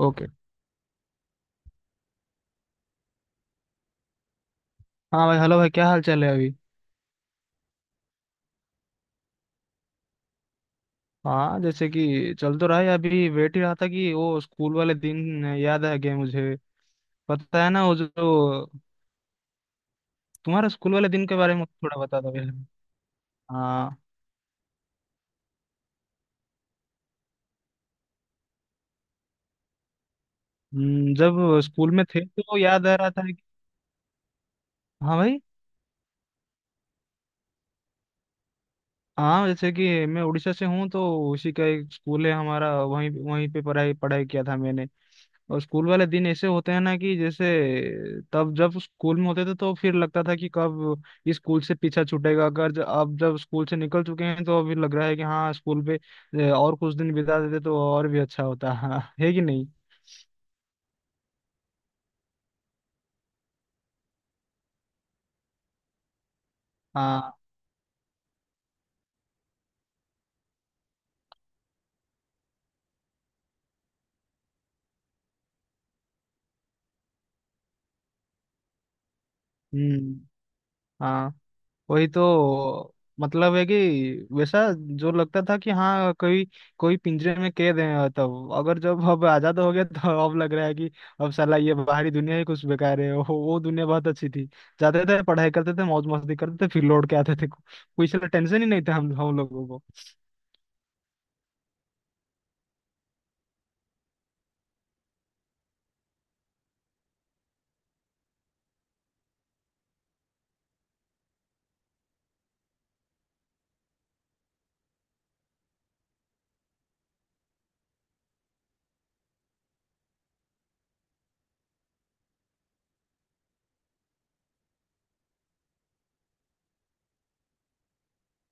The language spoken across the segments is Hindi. ओके। हाँ भाई, हेलो भाई, क्या हाल चाल है अभी? हाँ जैसे कि चल तो रहा है। अभी वेट ही रहा था कि वो स्कूल वाले दिन याद आ गए मुझे। पता है ना वो जो तुम्हारा स्कूल वाले दिन के बारे में थोड़ा बता दो यार। हाँ। जब स्कूल में थे तो याद आ रहा था हाँ भाई। हाँ जैसे कि मैं उड़ीसा से हूँ, तो उसी का एक स्कूल है हमारा, वहीं वहीं पे पढ़ाई पढ़ाई किया था मैंने। और स्कूल वाले दिन ऐसे होते हैं ना, कि जैसे तब जब स्कूल में होते थे तो फिर लगता था कि कब इस स्कूल से पीछा छूटेगा, अगर अब जब स्कूल से निकल चुके हैं तो अभी लग रहा है कि हाँ स्कूल पे और कुछ दिन बिता देते तो और भी अच्छा होता हाँ है कि नहीं। हाँ। हम्म। हाँ वही तो, मतलब है कि वैसा जो लगता था कि हाँ कोई कोई पिंजरे में कैद है, तब अगर जब अब आजाद हो गया तो अब लग रहा है कि अब साला ये बाहरी दुनिया ही कुछ बेकार है। वो दुनिया बहुत अच्छी थी। जाते थे, पढ़ाई करते थे, मौज मस्ती करते थे, फिर लौट के आते थे, कोई साला टेंशन ही नहीं था हम लोगों को।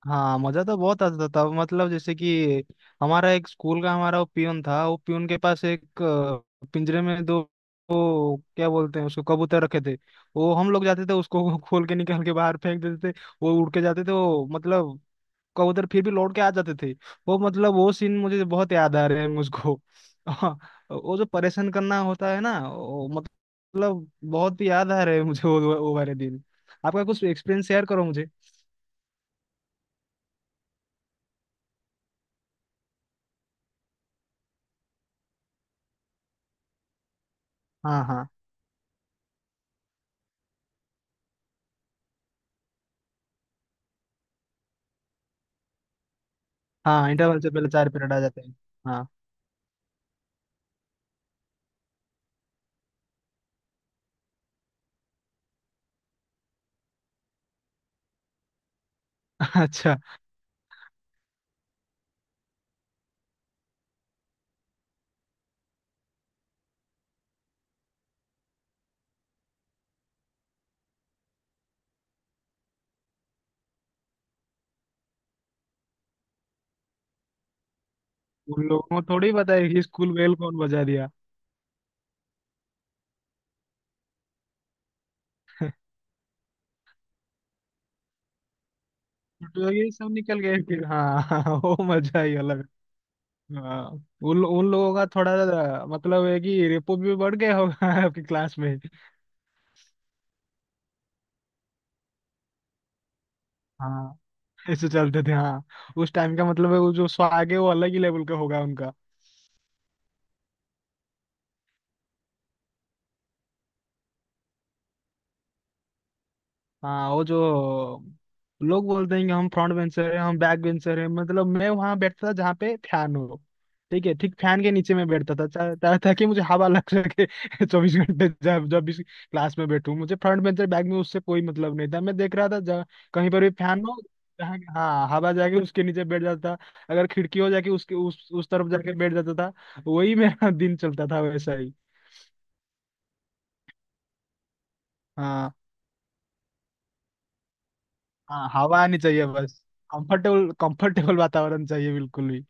हाँ मजा तो बहुत आता था, मतलब जैसे कि हमारा एक स्कूल का हमारा वो पियून था, वो पियून के पास एक पिंजरे में दो, वो क्या बोलते हैं उसको, कबूतर रखे थे। वो हम लोग जाते थे उसको खोल के निकाल के बाहर फेंक देते थे, वो उड़ के जाते थे, वो मतलब कबूतर फिर भी लौट के आ जाते थे। वो मतलब वो सीन मुझे बहुत याद आ रहे हैं मुझको हाँ, वो जो परेशान करना होता है ना वो मतलब बहुत ही याद आ रहे हैं मुझे वो वाले दिन। आपका कुछ एक्सपीरियंस शेयर करो मुझे। हाँ। हाँ। हाँ इंटरवल से पहले चार पीरियड आ जाते हैं। हाँ अच्छा। उन लोगों को थोड़ी पता है कि स्कूल बेल कौन बजा दिया। तो ये सब निकल गए फिर। हाँ हाँ, वो मजा ही अलग है। हाँ उन लोगों का थोड़ा सा मतलब है कि रेपो भी बढ़ गया होगा आपकी क्लास में। हाँ ऐसे चलते थे हाँ। उस टाइम का मतलब है वो जो स्वाग है वो अलग ही लेवल का होगा उनका। हाँ वो जो लोग बोलते हैं कि हम फ्रंट बेंचर हैं, हम बैक बेंचर हैं, मतलब मैं वहां बैठता था जहाँ पे फैन हो। ठीक है, ठीक फैन के नीचे मैं बैठता था ता, ता, ताकि मुझे हवा लग सके 24 घंटे जब जब भी क्लास में बैठूं मुझे फ्रंट बेंचर बैक में उससे कोई मतलब नहीं था, मैं देख रहा था जहाँ कहीं पर भी फैन हो, जहाँ हाँ हवा जाके उसके नीचे बैठ जाता। अगर खिड़की हो जाके उसके उस तरफ जाके बैठ जाता था। वही मेरा दिन चलता था वैसा ही। हाँ। हाँ हवा आनी चाहिए बस। कंफर्टेबल कंफर्टेबल वातावरण चाहिए बिल्कुल भी।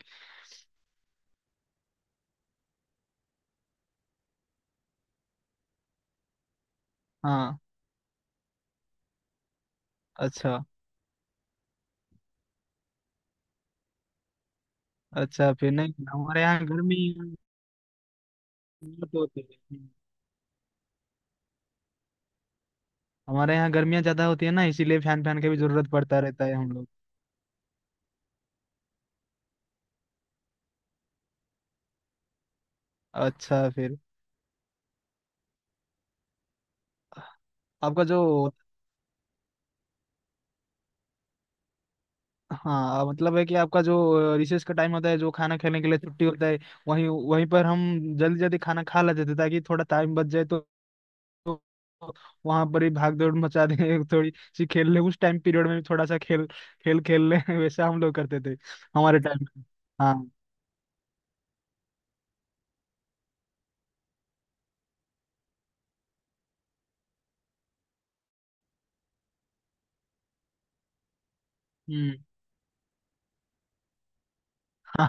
हाँ। अच्छा। अच्छा फिर नहीं, हमारे यहाँ गर्मी बहुत होती है। हमारे यहाँ गर्मियाँ ज्यादा होती है ना, इसीलिए फैन फैन की भी जरूरत पड़ता रहता है हम लोग। अच्छा फिर आपका जो हाँ मतलब है कि आपका जो रिसेस का टाइम होता है जो खाना खाने के लिए छुट्टी होता है, वहीं वहीं पर हम जल्दी जल्दी खाना खा लेते थे, ताकि थोड़ा टाइम बच जाए, तो वहां पर ही भाग दौड़ मचा दें थोड़ी सी खेल ले, उस टाइम पीरियड में भी थोड़ा सा खेल खेल खेल ले वैसा हम लोग करते थे हमारे टाइम पे। हाँ। हम्म। हाँ।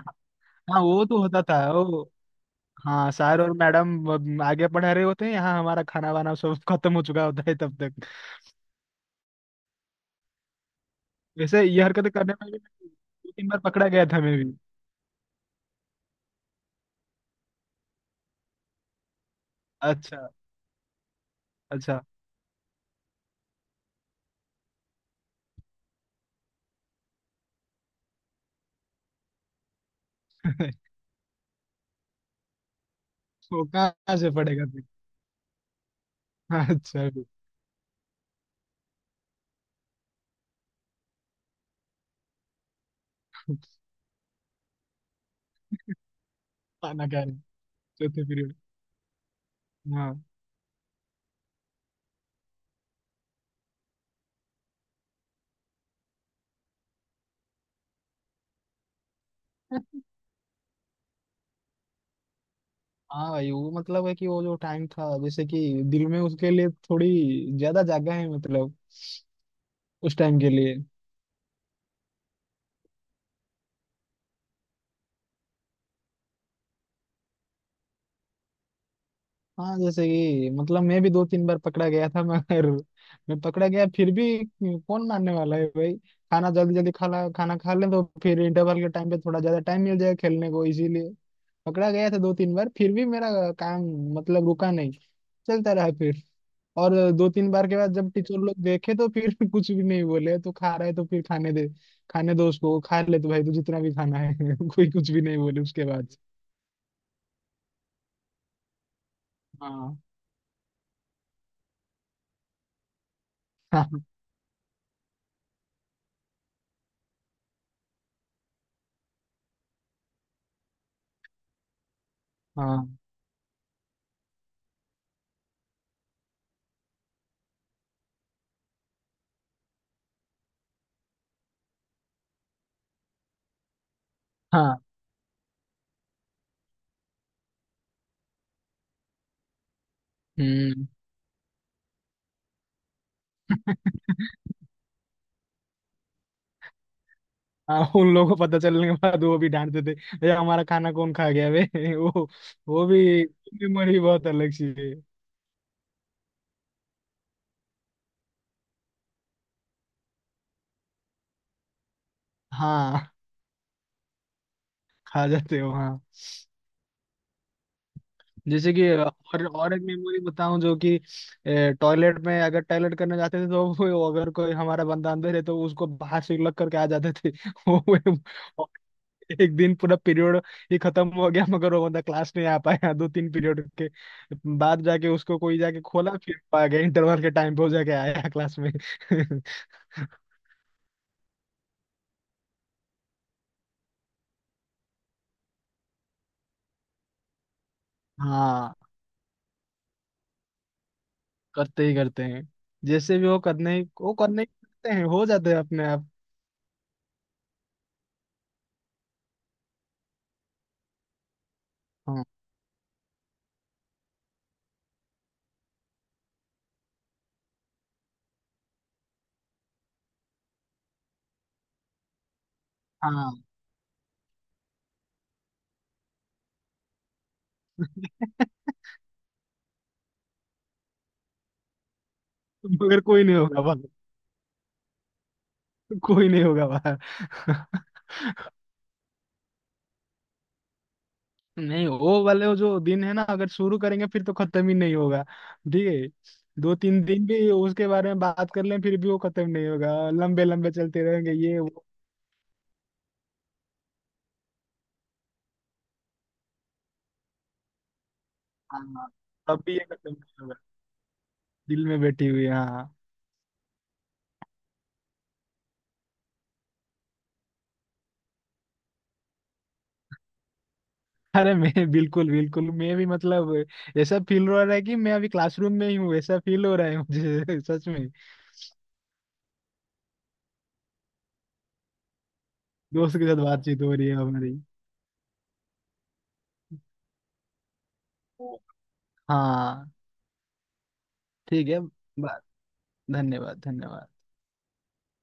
हाँ वो तो होता था वो। हाँ सर और मैडम अब आगे पढ़ा रहे होते हैं, यहाँ हमारा खाना वाना सब खत्म हो चुका होता है तब तक। वैसे ये हरकतें करने में भी मैं दो तीन बार पकड़ा गया था मैं भी। अच्छा। अच्छा। वो कहाँ से पड़ेगा फिर? अच्छा। खाना खा रहे हैं, चौथे पीरियड। हाँ। हाँ भाई वो मतलब है कि वो जो टाइम था जैसे कि दिल में उसके लिए थोड़ी ज्यादा जगह है, मतलब उस टाइम के लिए। हाँ जैसे कि मतलब मैं भी दो तीन बार पकड़ा गया था मगर मैं पकड़ा गया फिर भी कौन मानने वाला है भाई। खाना जल्दी जल्दी खा ला, खाना खा लें तो फिर इंटरवल के टाइम पे थोड़ा ज्यादा टाइम मिल जाएगा खेलने को, इसीलिए पकड़ा गया था दो तीन बार, फिर भी मेरा काम मतलब रुका नहीं, चलता रहा फिर। और दो तीन बार के बाद जब टीचर लोग देखे तो फिर कुछ भी नहीं बोले, तो खा रहा है तो फिर खाने दे, खाने दो उसको, वो खा ले, तो भाई तू जितना भी खाना है कोई कुछ भी नहीं बोले उसके बाद। हाँ हाँ हाँ हाँ। हम्म। हाँ उन लोगों को पता चलने के बाद वो भी डांटते थे, भैया हमारा खाना कौन खा गया बे वो वो भी मेमोरी बहुत अलग सी है। हाँ, खा जाते हो हाँ। जैसे कि और एक मेमोरी बताऊं, जो कि टॉयलेट में अगर टॉयलेट करने जाते थे तो वो अगर कोई हमारा बंदा अंदर है तो उसको बाहर से लग करके आ जाते थे वो एक दिन पूरा पीरियड ही खत्म हो गया, मगर वो बंदा क्लास नहीं आ पाया। दो तीन पीरियड के बाद जाके उसको कोई जाके खोला फिर, पा गया इंटरवल के टाइम पे, वो जाके आया क्लास में हाँ करते ही करते हैं, जैसे भी वो करने ही करते हैं, हो जाते हैं अपने आप। हाँ। हाँ मगर कोई नहीं होगा बाहर, कोई नहीं होगा बाहर नहीं वो वाले वो जो दिन है ना अगर शुरू करेंगे फिर तो खत्म ही नहीं होगा। ठीक है, दो तीन दिन भी उसके बारे में बात कर लें फिर भी वो खत्म नहीं होगा, लंबे लंबे चलते रहेंगे ये वो। हाँ तब भी ये खत्म नहीं होगा, दिल में बैठी हुई है, हाँ। अरे मैं बिल्कुल बिल्कुल मैं भी मतलब ऐसा फील हो रहा है कि मैं अभी क्लासरूम में ही हूँ, ऐसा फील हो रहा है मुझे सच में। दोस्त के साथ बातचीत हो रही है हमारी। हाँ। ठीक है। बा- धन्यवाद धन्यवाद।